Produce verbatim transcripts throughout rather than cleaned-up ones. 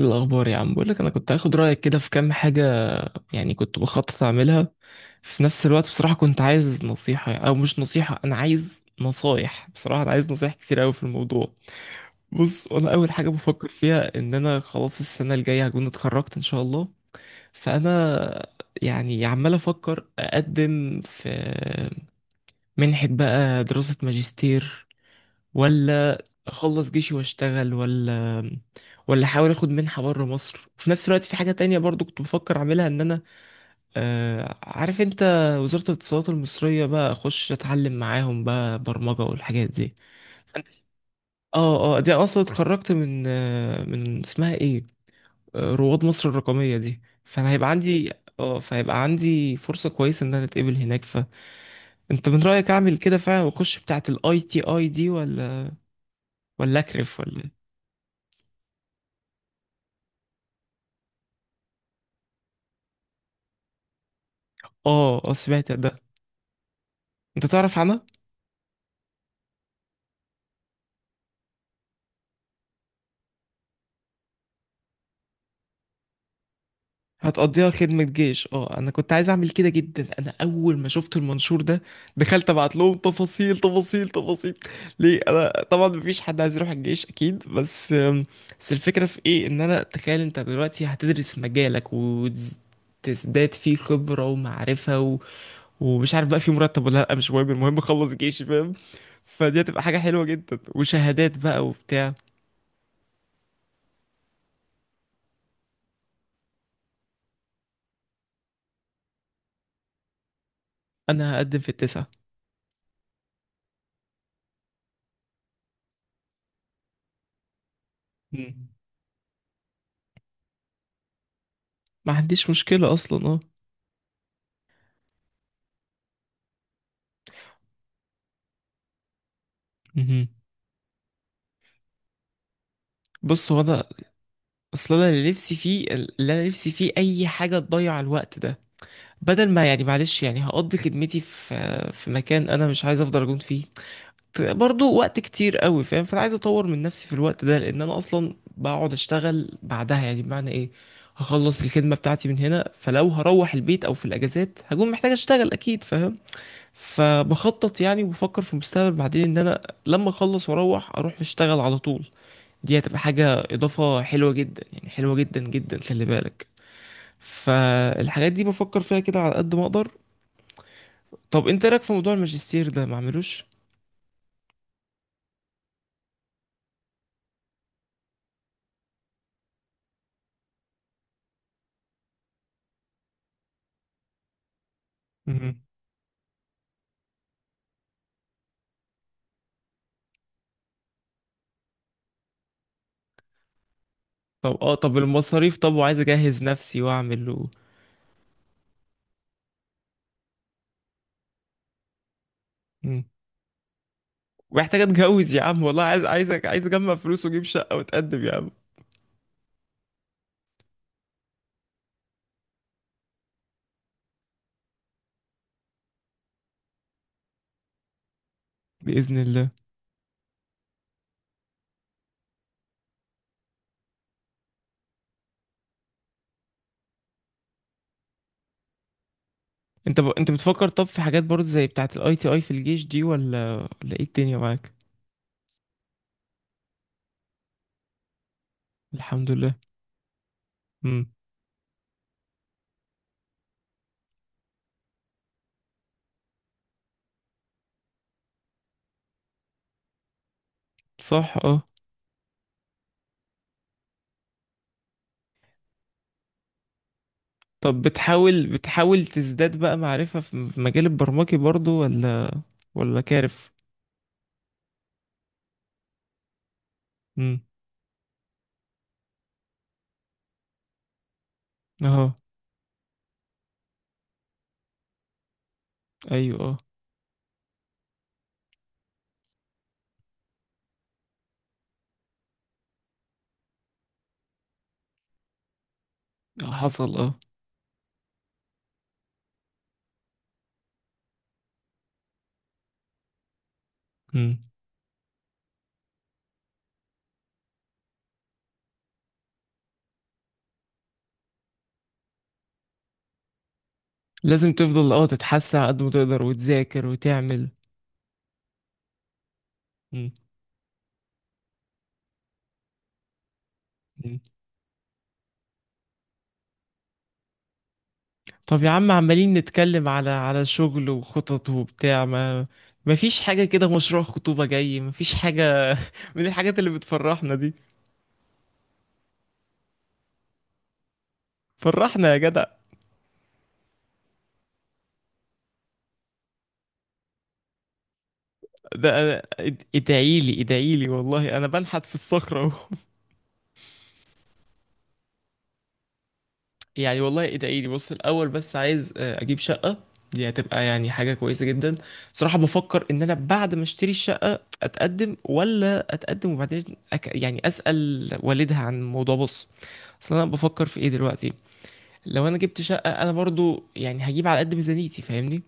إيه الأخبار يا عم؟ بقول لك أنا كنت هاخد رأيك كده في كام حاجة يعني كنت بخطط أعملها. في نفس الوقت بصراحة كنت عايز نصيحة، أو مش نصيحة، أنا عايز نصايح، بصراحة أنا عايز نصايح كتير أوي في الموضوع. بص، أنا أول حاجة بفكر فيها إن أنا خلاص السنة الجاية هكون اتخرجت إن شاء الله. فأنا يعني عمال أفكر أقدم في منحة بقى، دراسة ماجستير، ولا اخلص جيشي واشتغل، ولا ولا احاول اخد منحة بره مصر. وفي نفس الوقت في حاجة تانية برضو كنت بفكر اعملها، ان انا آه عارف انت وزارة الاتصالات المصرية بقى، اخش اتعلم معاهم بقى برمجة والحاجات دي. اه اه، دي أنا اصلا اتخرجت من آه من اسمها ايه، آه، رواد مصر الرقمية دي. فانا هيبقى عندي، اه، فهيبقى عندي فرصة كويسة ان انا اتقبل هناك. ف انت من رأيك اعمل كده فعلا واخش بتاعة الاي تي اي دي، ولا ولا اكرف ولا إيه؟ اه اه، سمعت ده. انت تعرف عنها. هتقضيها خدمة جيش. اه، انا كنت عايز اعمل كده جدا. انا اول ما شفت المنشور ده دخلت ابعت لهم، تفاصيل تفاصيل تفاصيل. ليه؟ انا طبعا مفيش حد عايز يروح الجيش اكيد، بس بس الفكرة في ايه؟ ان انا تخيل انت دلوقتي هتدرس مجالك وتزداد فيه خبرة ومعرفة و... ومش عارف بقى في مرتب ولا لا، مش مهم، المهم اخلص جيشي، فاهم؟ فدي هتبقى حاجة حلوة جدا، وشهادات بقى وبتاع. انا هقدم في التسعه. مم. ما عنديش مشكلة اصلا، اه. مهم. بص، هو انا، اصل انا اللي نفسي فيه، اللي انا نفسي فيه اي حاجه تضيع الوقت ده، بدل ما يعني معلش يعني هقضي خدمتي في في مكان انا مش عايز افضل اجون فيه برضو وقت كتير قوي، فاهم؟ فانا عايز اطور من نفسي في الوقت ده، لان انا اصلا بقعد اشتغل بعدها. يعني بمعنى ايه؟ هخلص الخدمه بتاعتي من هنا، فلو هروح البيت او في الاجازات هكون محتاج اشتغل اكيد، فاهم؟ فبخطط يعني وبفكر في المستقبل بعدين، ان انا لما اخلص واروح اروح اشتغل على طول. دي هتبقى حاجة إضافة حلوة جدا، يعني حلوة جدا جدا، خلي بالك. فالحاجات دي بفكر فيها كده على قد ما أقدر. طب أنت إيه رأيك في موضوع الماجستير ده، ما أعملوش؟ مهم. طب اه، طب المصاريف، طب وعايز أجهز نفسي وأعمل و... مم. ومحتاج أتجوز يا عم، والله عايز، عايزك، عايز أجمع فلوس وأجيب شقة وأتقدم يا عم. بإذن الله. أنت ب... أنت بتفكر طب في حاجات برضه زي بتاعة الأي تي أي في الجيش دي، ولا ولا إيه الدنيا معاك؟ الحمد لله. امم. صح اه. طب بتحاول بتحاول تزداد بقى معرفة في في مجال البرمجي برضو، ولا ولا كارف؟ امم. اهو. ايوه اه. آه، حصل اه. امم. لازم تفضل اه تتحسن على قد ما تقدر وتذاكر وتعمل. امم. أمم. طب يا عم، عمالين نتكلم على على شغل وخطط وبتاع، ما ما فيش حاجة كده؟ مشروع خطوبة جاي، ما فيش حاجة؟ من الحاجات اللي بتفرحنا دي، فرحنا يا جدع. ده أنا- اد- ادعيلي ادعيلي، والله انا بنحت في الصخرة اهو. يعني والله ايه ده، ايه دي؟ بص، الاول بس عايز، آه، اجيب شقه. دي هتبقى يعني حاجه كويسه جدا. صراحه بفكر ان انا بعد ما اشتري الشقه اتقدم، ولا اتقدم وبعدين أك... يعني اسال والدها عن الموضوع. بص، اصل انا بفكر في ايه دلوقتي، لو انا جبت شقه انا برضو يعني هجيب على قد ميزانيتي، فاهمني؟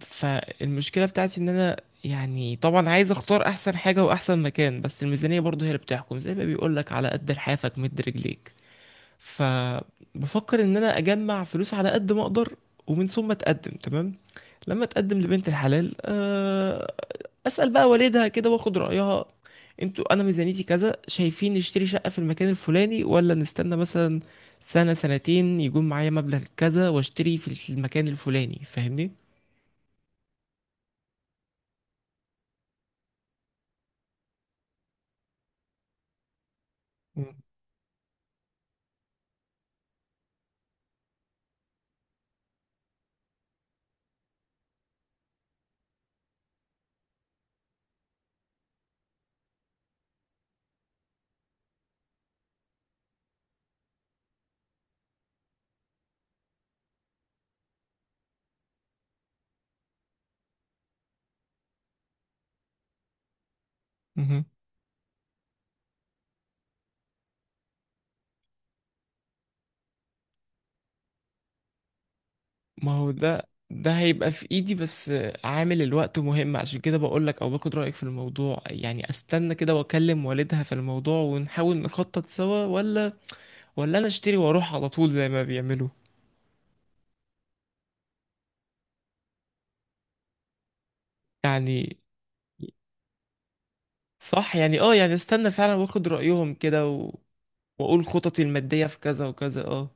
فالمشكله بتاعتي ان انا يعني طبعا عايز اختار احسن حاجه واحسن مكان، بس الميزانيه برضو هي اللي بتحكم. زي ما بيقولك، على قد لحافك مد رجليك. فبفكر ان انا اجمع فلوس على قد ما اقدر ومن ثم اتقدم، تمام؟ لما اتقدم لبنت الحلال، آه، اسال بقى والدها كده واخد رايها. انتوا، انا ميزانيتي كذا، شايفين نشتري شقه في المكان الفلاني، ولا نستنى مثلا سنه سنتين يكون معايا مبلغ كذا واشتري في المكان الفلاني، فاهمني؟ مم. مهم. ما هو ده ده هيبقى في ايدي، بس عامل الوقت مهم، عشان كده بقولك او باخد رأيك في الموضوع. يعني استنى كده واكلم والدها في الموضوع ونحاول نخطط سوا، ولا ولا انا اشتري واروح على طول زي ما بيعملوا؟ يعني صح، يعني اه، يعني استنى فعلا واخد رأيهم كده و... واقول خططي المادية في كذا وكذا اه.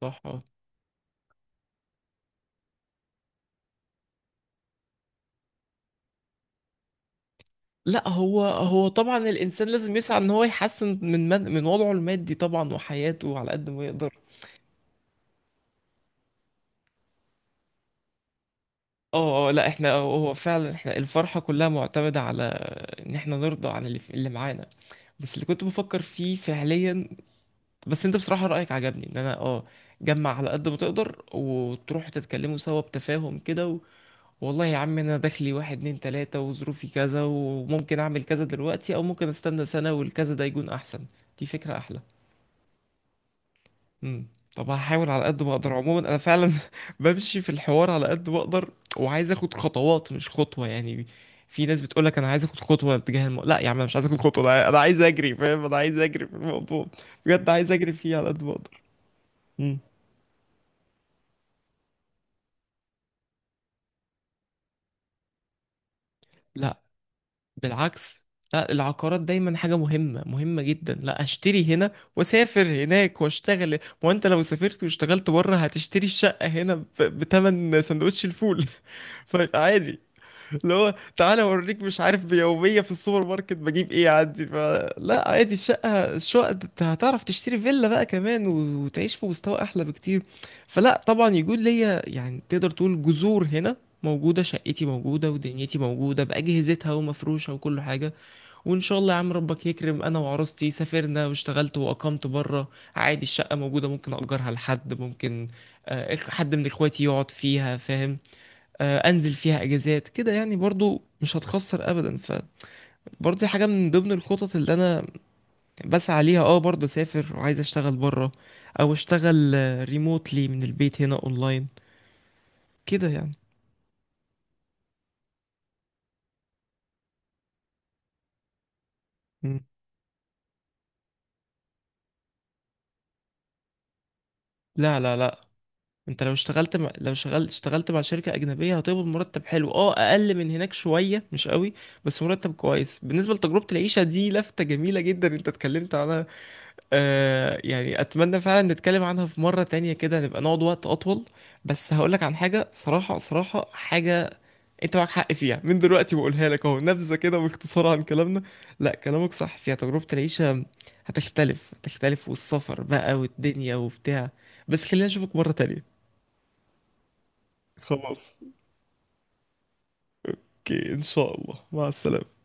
صح اه. لا، هو هو طبعا الانسان لازم يسعى ان هو يحسن من من من وضعه المادي طبعا، وحياته على قد ما يقدر. اه اه، لا احنا هو فعلا، احنا الفرحة كلها معتمدة على ان احنا نرضى عن اللي, اللي معانا. بس اللي كنت بفكر فيه فعليا، بس انت بصراحة رأيك عجبني، ان انا اه جمع على قد ما تقدر وتروحوا تتكلموا سوا بتفاهم كده و... والله يا عم، انا دخلي واحد اتنين تلاته، وظروفي كذا، وممكن اعمل كذا دلوقتي او ممكن استنى سنة والكذا ده يكون احسن. دي فكرة احلى. امم. طب هحاول على قد ما اقدر عموما. انا فعلا بمشي في الحوار على قد ما اقدر، وعايز اخد خطوات مش خطوة، يعني في ناس بتقولك انا عايز اخد خطوة تجاه الم... لا يا عم، انا مش عايز اخد خطوة، انا أنا عايز اجري، فاهم؟ انا عايز اجري في الموضوع بجد، عايز اجري فيه على قد ما اقدر. امم. لا، بالعكس. لا، العقارات دايما حاجة مهمة، مهمة جدا. لا، اشتري هنا واسافر هناك واشتغل. ما هو انت لو سافرت واشتغلت بره هتشتري الشقة هنا ب- بتمن سندوتش الفول. فعادي، اللي هو تعالى اوريك، مش عارف بيوميه في السوبر ماركت بجيب ايه عندي. فلا عادي، الشقه، الشقه انت هتعرف تشتري فيلا بقى كمان و- وتعيش في مستوى احلى بكتير. فلا طبعا يكون ليا، يعني تقدر تقول جذور هنا موجودة، شقتي موجودة ودنيتي موجودة بأجهزتها ومفروشة وكل حاجة. وإن شاء الله يا عم ربك يكرم، أنا وعروستي سافرنا واشتغلت وأقمت بره، عادي الشقة موجودة، ممكن أجرها لحد، ممكن آه، إخ- حد من إخواتي يقعد فيها، فاهم؟ آه، انزل فيها اجازات كده يعني، برضو مش هتخسر ابدا. فبرضو دي حاجه من ضمن الخطط اللي انا بسعى ليها، اه. برضو اسافر وعايز اشتغل بره او اشتغل ريموتلي من البيت هنا اونلاين كده يعني. مم. لا لا لا. انت لو اشتغلت مع... لو شغلت اشتغلت مع شركة أجنبية هتقبض مرتب حلو، اه أقل من هناك شوية مش قوي، بس مرتب كويس. بالنسبة لتجربة العيشة دي لفتة جميلة جدا انت اتكلمت عنها. آه يعني اتمنى فعلا نتكلم عنها في مرة تانية كده، نبقى نقعد وقت اطول. بس هقولك عن حاجة، صراحة صراحة حاجة انت معاك حق فيها، من دلوقتي بقولها لك اهو، نبذة كده باختصار عن كلامنا. لا كلامك صح فيها، تجربة العيشة هتختلف، هتختلف، والسفر بقى والدنيا وبتاع، بس خلينا اشوفك مرة تانية. خلاص، اوكي، ان شاء الله، مع السلامة.